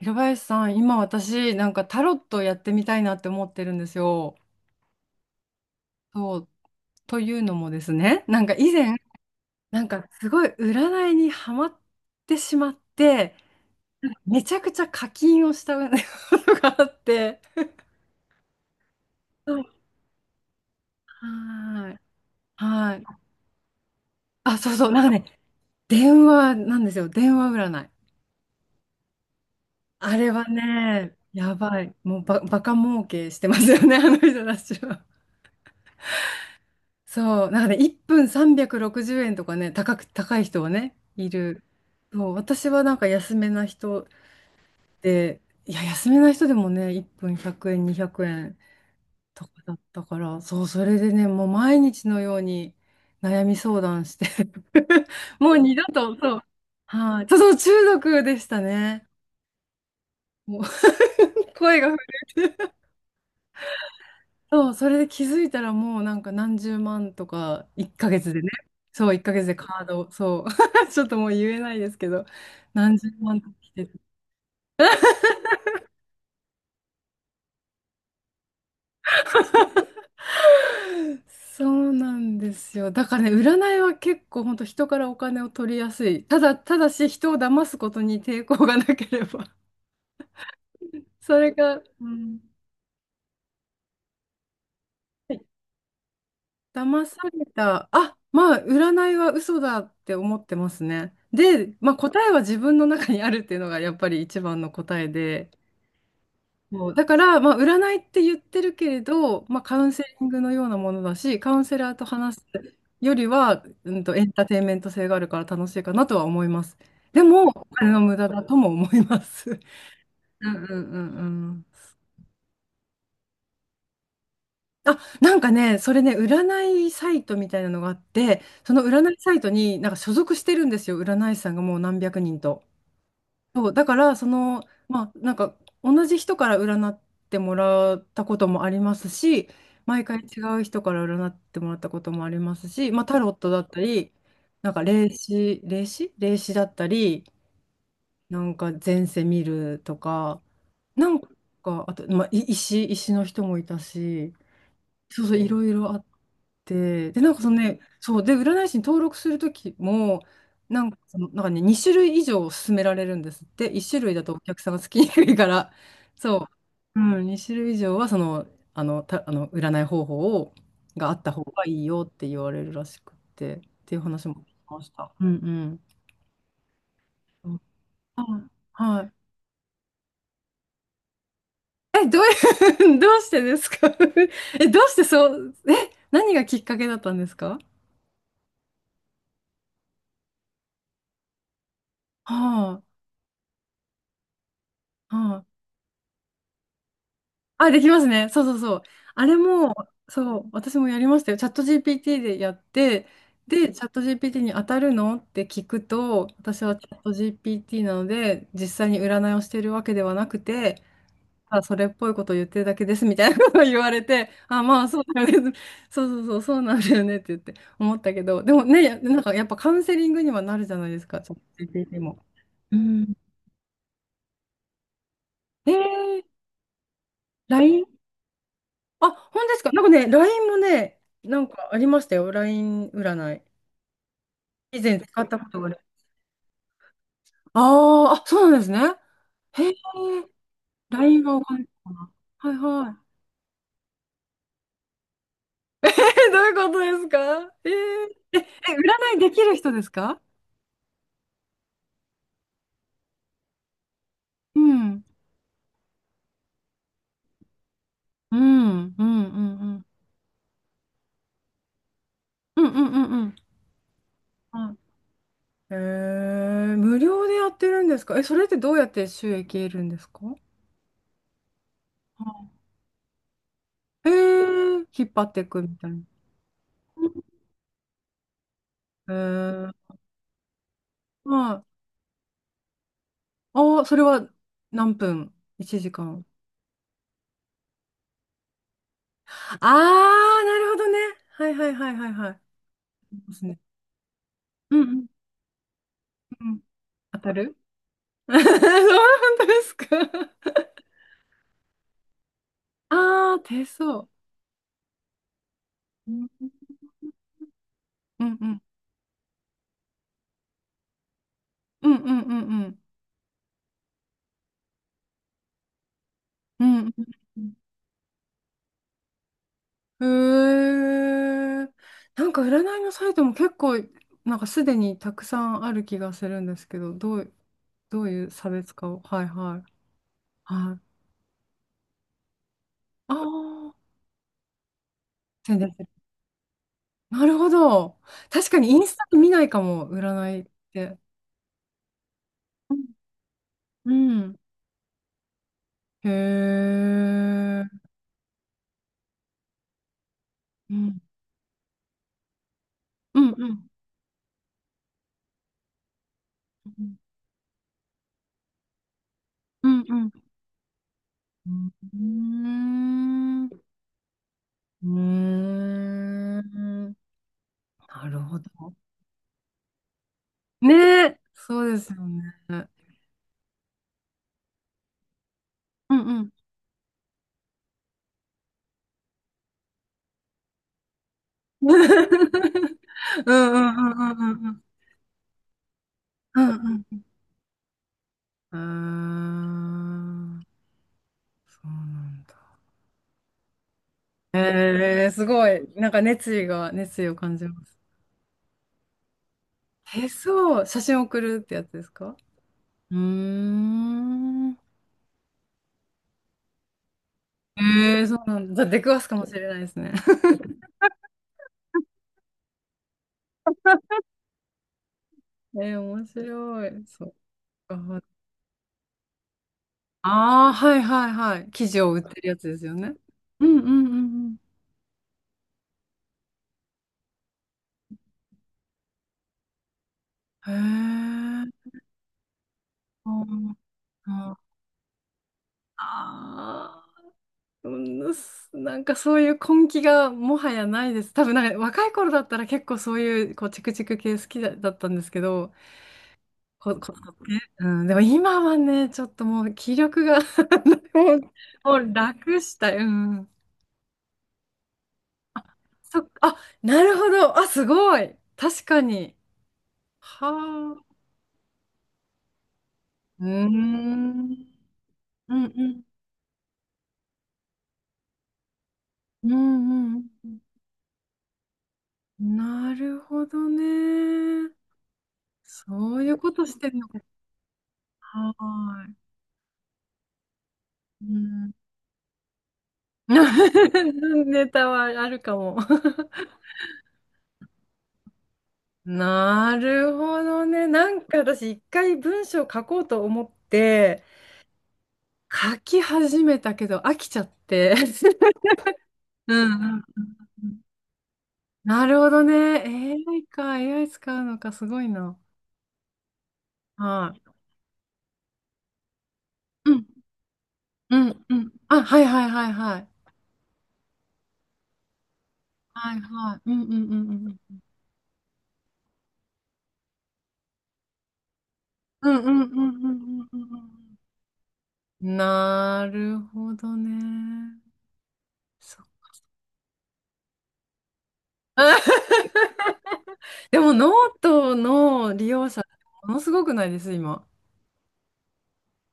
平林さん、今私、なんかタロットやってみたいなって思ってるんですよ。そう、というのもですね、なんか以前、なんかすごい占いにハマってしまって、めちゃくちゃ課金をしたことがあって、そうはーい、はーい。あ、そうそう、なんかね、電話なんですよ、電話占い。あれはね、やばい、もうバカ儲けしてますよね、あの人たちは。そう、なんかね、1分360円とかね、高い人はね、いる。そう、私はなんか安めな人で、いや、安めな人でもね、1分100円、200円とかだったから、そう、それでね、もう毎日のように悩み相談して もう二度と、そう、はい、そう、そう中毒でしたね。もう 声が震えてそう、それで気づいたらもうなんか何十万とか1ヶ月でね。そう、1ヶ月でカード、そう。ちょっともう言えないですけど、何十万と来てて。そうなんですよ。だからね、占いは結構本当人からお金を取りやすい。ただ、ただし人を騙すことに抵抗がなければ。それが、うん。はい。騙された、あ、まあ、占いは嘘だって思ってますね。で、まあ、答えは自分の中にあるっていうのがやっぱり一番の答えで。そうだから、まあ、占いって言ってるけれど、まあ、カウンセリングのようなものだし、カウンセラーと話すよりは、エンターテインメント性があるから楽しいかなとは思います。でも、お金の無駄だとも思います。うんうんうんうん。あ、なんかね、それね、占いサイトみたいなのがあって、その占いサイトになんか所属してるんですよ、占い師さんがもう何百人と。そう、だから、その、まあ、なんか、同じ人から占ってもらったこともありますし、毎回違う人から占ってもらったこともありますし、まあ、タロットだったり、なんか、霊視だったり、なんか、前世見るとか、なんか、あと、まあ、石の人もいたし、そうそう、いろいろあって、で、なんかそのね、そう、で、占い師に登録するときも、なんかその、なんかね、2種類以上勧められるんですって、1種類だとお客さんがつきにくいから、そう、うん、2種類以上は、その、あの、占い方法を、があった方がいいよって言われるらしくって、っていう話も聞きました。うんうん。うんはい。え、どういう、どうしてですか？ え、どうしてそう、え、何がきっかけだったんですか？ はい、はい、あ、できますね。そうそうそう。あれも、そう、私もやりましたよ。チャット GPT でやって、で、チャット GPT に当たるのって聞くと、私はチャット GPT なので、実際に占いをしているわけではなくて、ただそれっぽいことを言ってるだけですみたいなことを言われて、あ、まあそうだよね。そうそうそう、そうなんだよねって言って思ったけど、でもね、なんかやっぱカウンセリングにはなるじゃないですか、チャット GPT も。うん。えー、LINE あ、本当ですか。なんかね、LINE もね、なんかありましたよ。LINE 占い。以前使ったことがある。あーあ、そうなんですね。へえ、LINE がわかんないかな。はいはい。え、どういうことですか？えー、え、占いできる人ですか？うん。うん、うん、うん、うん。うん、うん、うん、うん。うん。えー、無料でやってるんですか？え、それってどうやって収益得るんですか？はい。えー、引っ張っていくみたいな。えー、はい。ああ、それは何分？ 1 時間。ああ、なるほどね。はいはいはいはいはい。そうですね。うんうんうん。当たる？ そう本当ですか？あ あー、手相。うんうんうんうんうんうんうんうんうん。へえ。なんか占いのサイトも結構、なんかすでにたくさんある気がするんですけど、どう、どういう差別化を。はいはい。はい。ああ、宣伝する。なるほど。確かにインスタ見ないかも、占いって。うん。うん。へえ。うん。うん。うん。うん。うん。うん。うーん。なるほど。ねえ。そうですよね。うんうん。うんうんうんうんうんうんうん。ああー、そうなんだ。ええ、すごい。なんか熱意が、熱意を感じます。え、そう。写真送るってやつですか？うーん。えー、そうなんだ。じゃあ出くわすかもしれないですね。えー面白い。そっか。ああ、はいはいはい。生地を売ってるやつですよね。うんうんうんうん。へえ。うん。ああー、うんす。なんかそういう根気がもはやないです。多分なんか若い頃だったら結構そういうこうチクチク系好きだ、だったんですけど、こ、こ、うん、でも今はね、ちょっともう気力が もう楽したい。うん。そっか、あ、なるほど。あ、すごい。確かに。はあ。うーん。うんうんうんうんうん。なるほどね。そういうことしてるのか。はーい。うん。ネタはあるかも。なるほどね。なんか私一回文章書こうと思って書き始めたけど飽きちゃって。うんうんうんうん。なるほどね。AI か、AI 使うのか、すごいな。はい。うん、うん、うん。あ、はいはいはいはい。はいはい。うんうんうんうん。うんうんうんうんうんうんうん。なるほどね。そっか。 でもノートの利用者、ものすごくないです、今。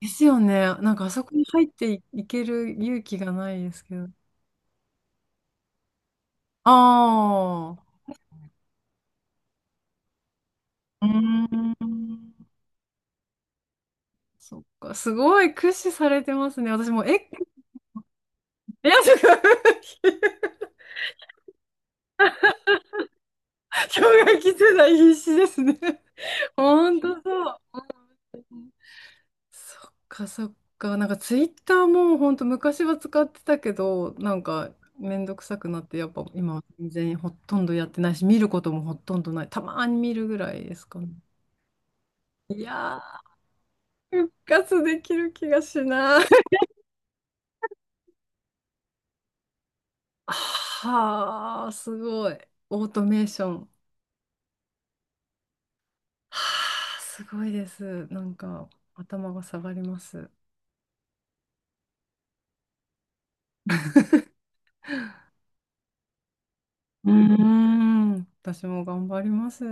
ですよね。なんかあそこに入ってい、いける勇気がないですけど。ああ、うーん。そっか、すごい駆使されてますね。私もう、え、いや、ちょっと 氷河期世代必死ですね。ほんとそう。うん。そっか、そっか。なんかツイッターもほんと昔は使ってたけど、なんかめんどくさくなって、やっぱ今は全然ほとんどやってないし、見ることもほとんどない。たまに見るぐらいですかね。いやー、復活できる気がしない。はあ、すごい。オートメーション。はあ、すごいです。なんか、頭が下がります。うーん、私も頑張ります。